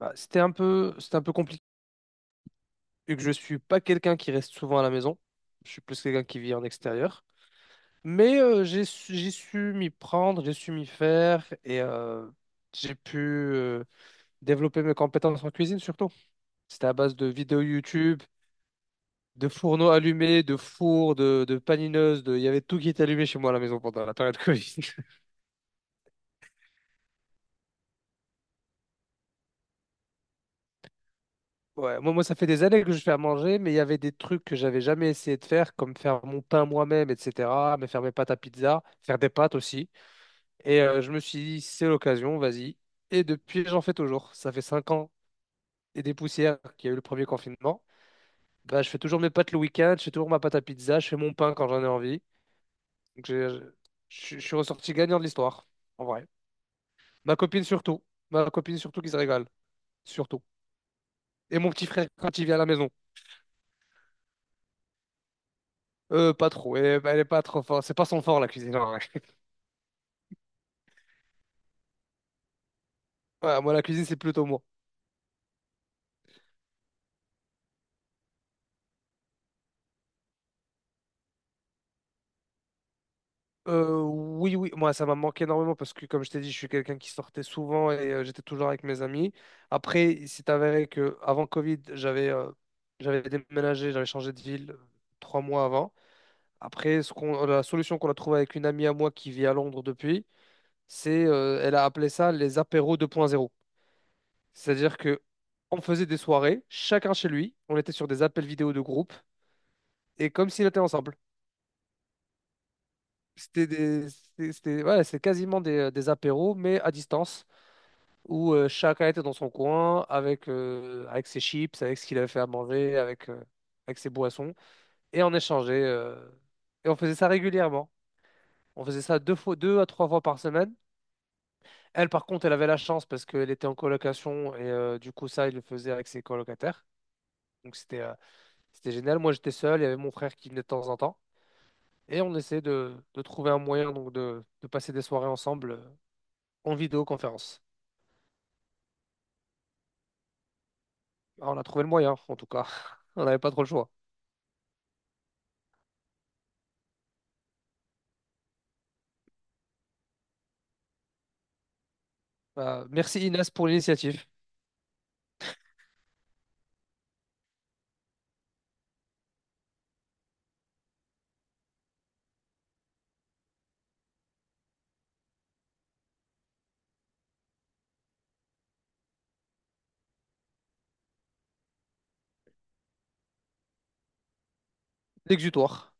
C'était un peu compliqué, vu que je suis pas quelqu'un qui reste souvent à la maison. Je suis plus quelqu'un qui vit en extérieur. Mais j'ai su m'y prendre, j'ai su m'y faire et j'ai pu développer mes compétences en cuisine surtout. C'était à base de vidéos YouTube, de fourneaux allumés, de fours, de panineuses, de... il y avait tout qui était allumé chez moi à la maison pendant la période Covid. Ouais, moi, ça fait des années que je fais à manger, mais il y avait des trucs que j'avais jamais essayé de faire, comme faire mon pain moi-même, etc., mais faire mes pâtes à pizza, faire des pâtes aussi. Je me suis dit, c'est l'occasion, vas-y. Et depuis, j'en fais toujours. Ça fait 5 ans et des poussières qu'il y a eu le premier confinement. Bah, je fais toujours mes pâtes le week-end, je fais toujours ma pâte à pizza, je fais mon pain quand j'en ai envie. Donc, j'ai- je suis ressorti gagnant de l'histoire, en vrai. Ma copine surtout. Ma copine surtout qui se régale, surtout. Et mon petit frère quand il vient à la maison. Pas trop. Elle est pas trop forte. C'est pas son fort, la cuisine, en vrai. Voilà, moi, la cuisine, c'est plutôt moi. Oui, oui, moi, ça m'a manqué énormément parce que, comme je t'ai dit, je suis quelqu'un qui sortait souvent et j'étais toujours avec mes amis. Après, il s'est avéré que avant Covid, j'avais j'avais déménagé, j'avais changé de ville 3 mois avant. Après, la solution qu'on a trouvée avec une amie à moi qui vit à Londres depuis, c'est elle a appelé ça les apéros 2.0. C'est-à-dire que on faisait des soirées, chacun chez lui. On était sur des appels vidéo de groupe. Et comme s'ils étaient ensemble. C'était des, c'était, c'était- ouais, c'est quasiment des apéros, mais à distance, où chacun était dans son coin avec, avec ses chips, avec ce qu'il avait fait à manger, avec avec ses boissons, et on échangeait, et on faisait ça régulièrement. On faisait ça deux fois, deux à trois fois par semaine. Elle, par contre, elle avait la chance parce qu'elle était en colocation et du coup, ça, il le faisait avec ses colocataires. Donc, c'était génial. Moi, j'étais seul. Il y avait mon frère qui venait de temps en temps. Et on essaie de trouver un moyen donc de passer des soirées ensemble en vidéoconférence. Ah, on a trouvé le moyen, en tout cas. On n'avait pas trop le choix. Merci Inès pour l'initiative. L'exutoire.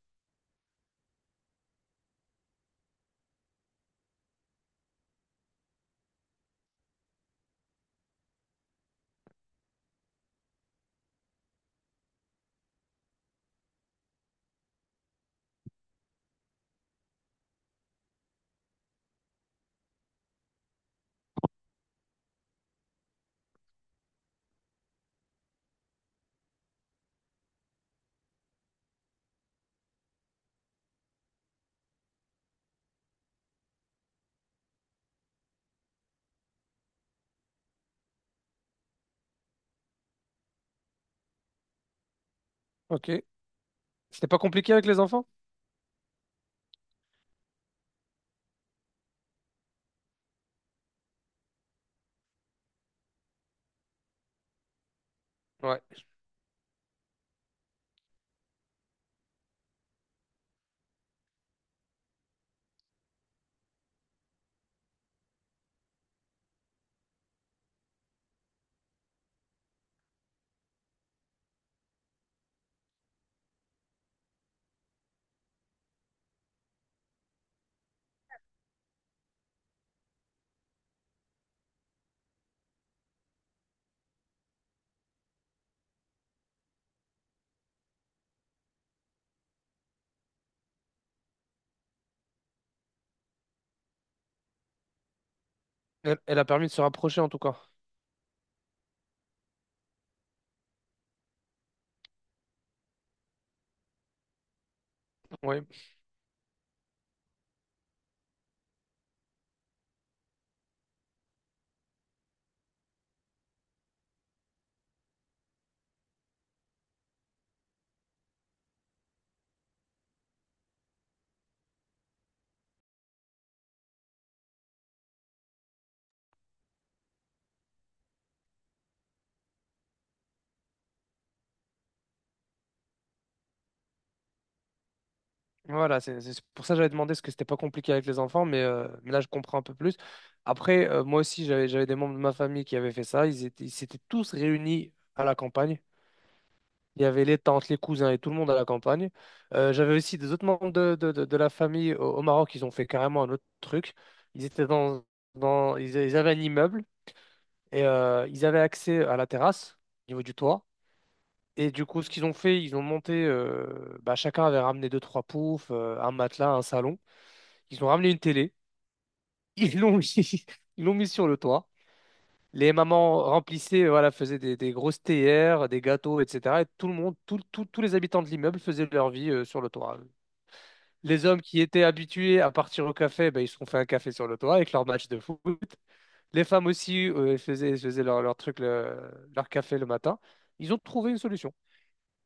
Ok. C'était pas compliqué avec les enfants? Ouais. Elle, elle a permis de se rapprocher en tout cas. Oui. Voilà, c'est pour ça que j'avais demandé ce que c'était pas compliqué avec les enfants, mais là je comprends un peu plus. Après, moi aussi, j'avais des membres de ma famille qui avaient fait ça. Ils s'étaient tous réunis à la campagne. Il y avait les tantes, les cousins et tout le monde à la campagne. J'avais aussi des autres membres de la famille au Maroc. Ils ont fait carrément un autre truc. Ils étaient dans, dans, ils avaient un immeuble et ils avaient accès à la terrasse au niveau du toit. Et du coup, ce qu'ils ont fait, ils ont monté. Bah, chacun avait ramené deux, trois poufs, un matelas, un salon. Ils ont ramené une télé. Ils l'ont mis, ils l'ont mis sur le toit. Les mamans remplissaient, voilà, faisaient des grosses théières, des gâteaux, etc. Et tout le monde, tout- tout- tous les habitants de l'immeuble faisaient leur vie sur le toit. Les hommes qui étaient habitués à partir au café, ben, ils se sont fait un café sur le toit avec leur match de foot. Les femmes aussi faisaient, faisaient leur truc, leur café le matin. Ils ont trouvé une solution.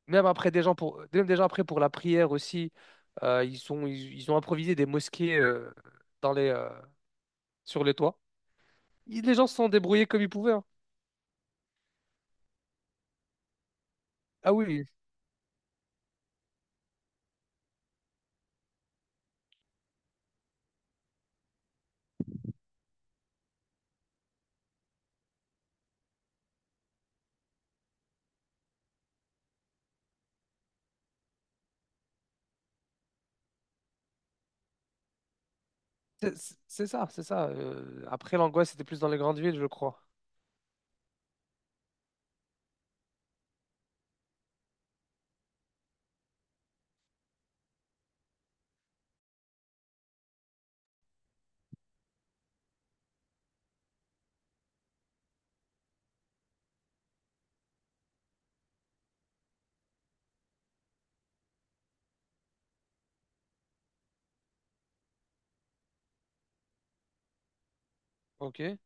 Même après, même déjà après pour la prière aussi, ils ont improvisé des mosquées euh, sur les toits. Les gens se sont débrouillés comme ils pouvaient, hein. Ah oui, C'est c'est ça, c'est ça. Après, l'angoisse, c'était plus dans les grandes villes, je crois. Ok.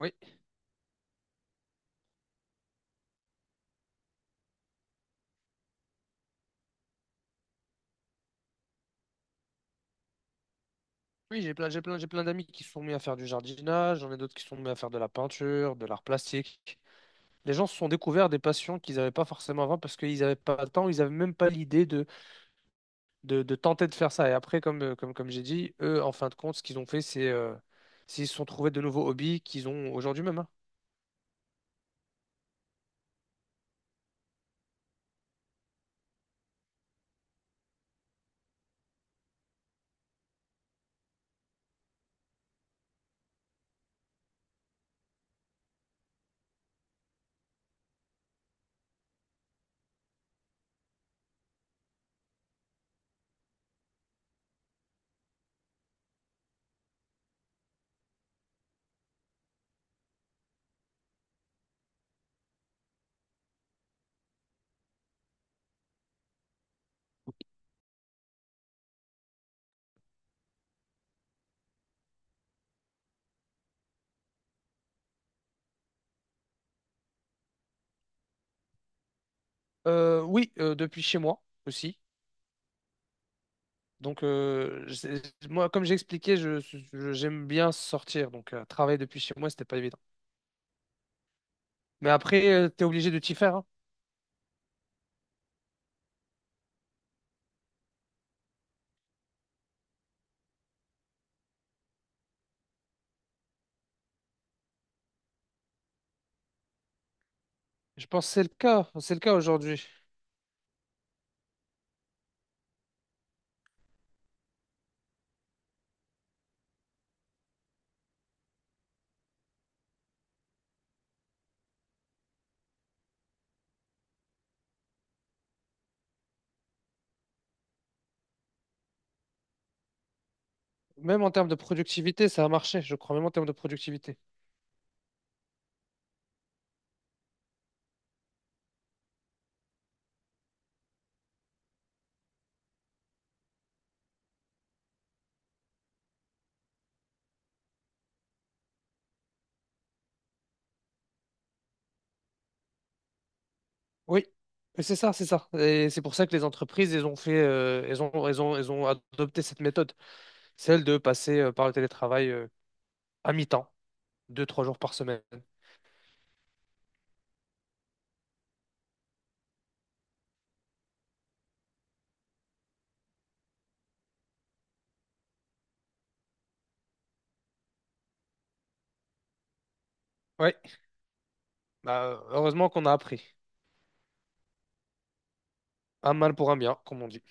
Oui, oui, j'ai plein d'amis qui se sont mis à faire du jardinage, j'en ai d'autres qui se sont mis à faire de la peinture, de l'art plastique. Les gens se sont découverts des passions qu'ils n'avaient pas forcément avant parce qu'ils n'avaient pas le temps, ils n'avaient même pas l'idée de tenter de faire ça. Et après, comme j'ai dit, eux, en fin de compte, ce qu'ils ont fait, c'est ils se sont trouvés de nouveaux hobbies qu'ils ont aujourd'hui même, hein. Oui, depuis chez moi aussi. Donc, euh, j'ai- moi, comme j'ai expliqué, j'aime bien sortir. Donc, travailler depuis chez moi, c'était pas évident. Mais après, tu es obligé de t'y faire, hein. Je pense que c'est le cas. C'est le cas aujourd'hui. Même en termes de productivité, ça a marché. Je crois même en termes de productivité. Oui, et c'est ça. Et c'est pour ça que les entreprises, elles ont fait, elles ont, elles ont, elles ont adopté cette méthode. Celle de passer par le télétravail à mi-temps, deux, trois jours par semaine. Ouais, bah, heureusement qu'on a appris. Un mal pour un bien, comme on dit.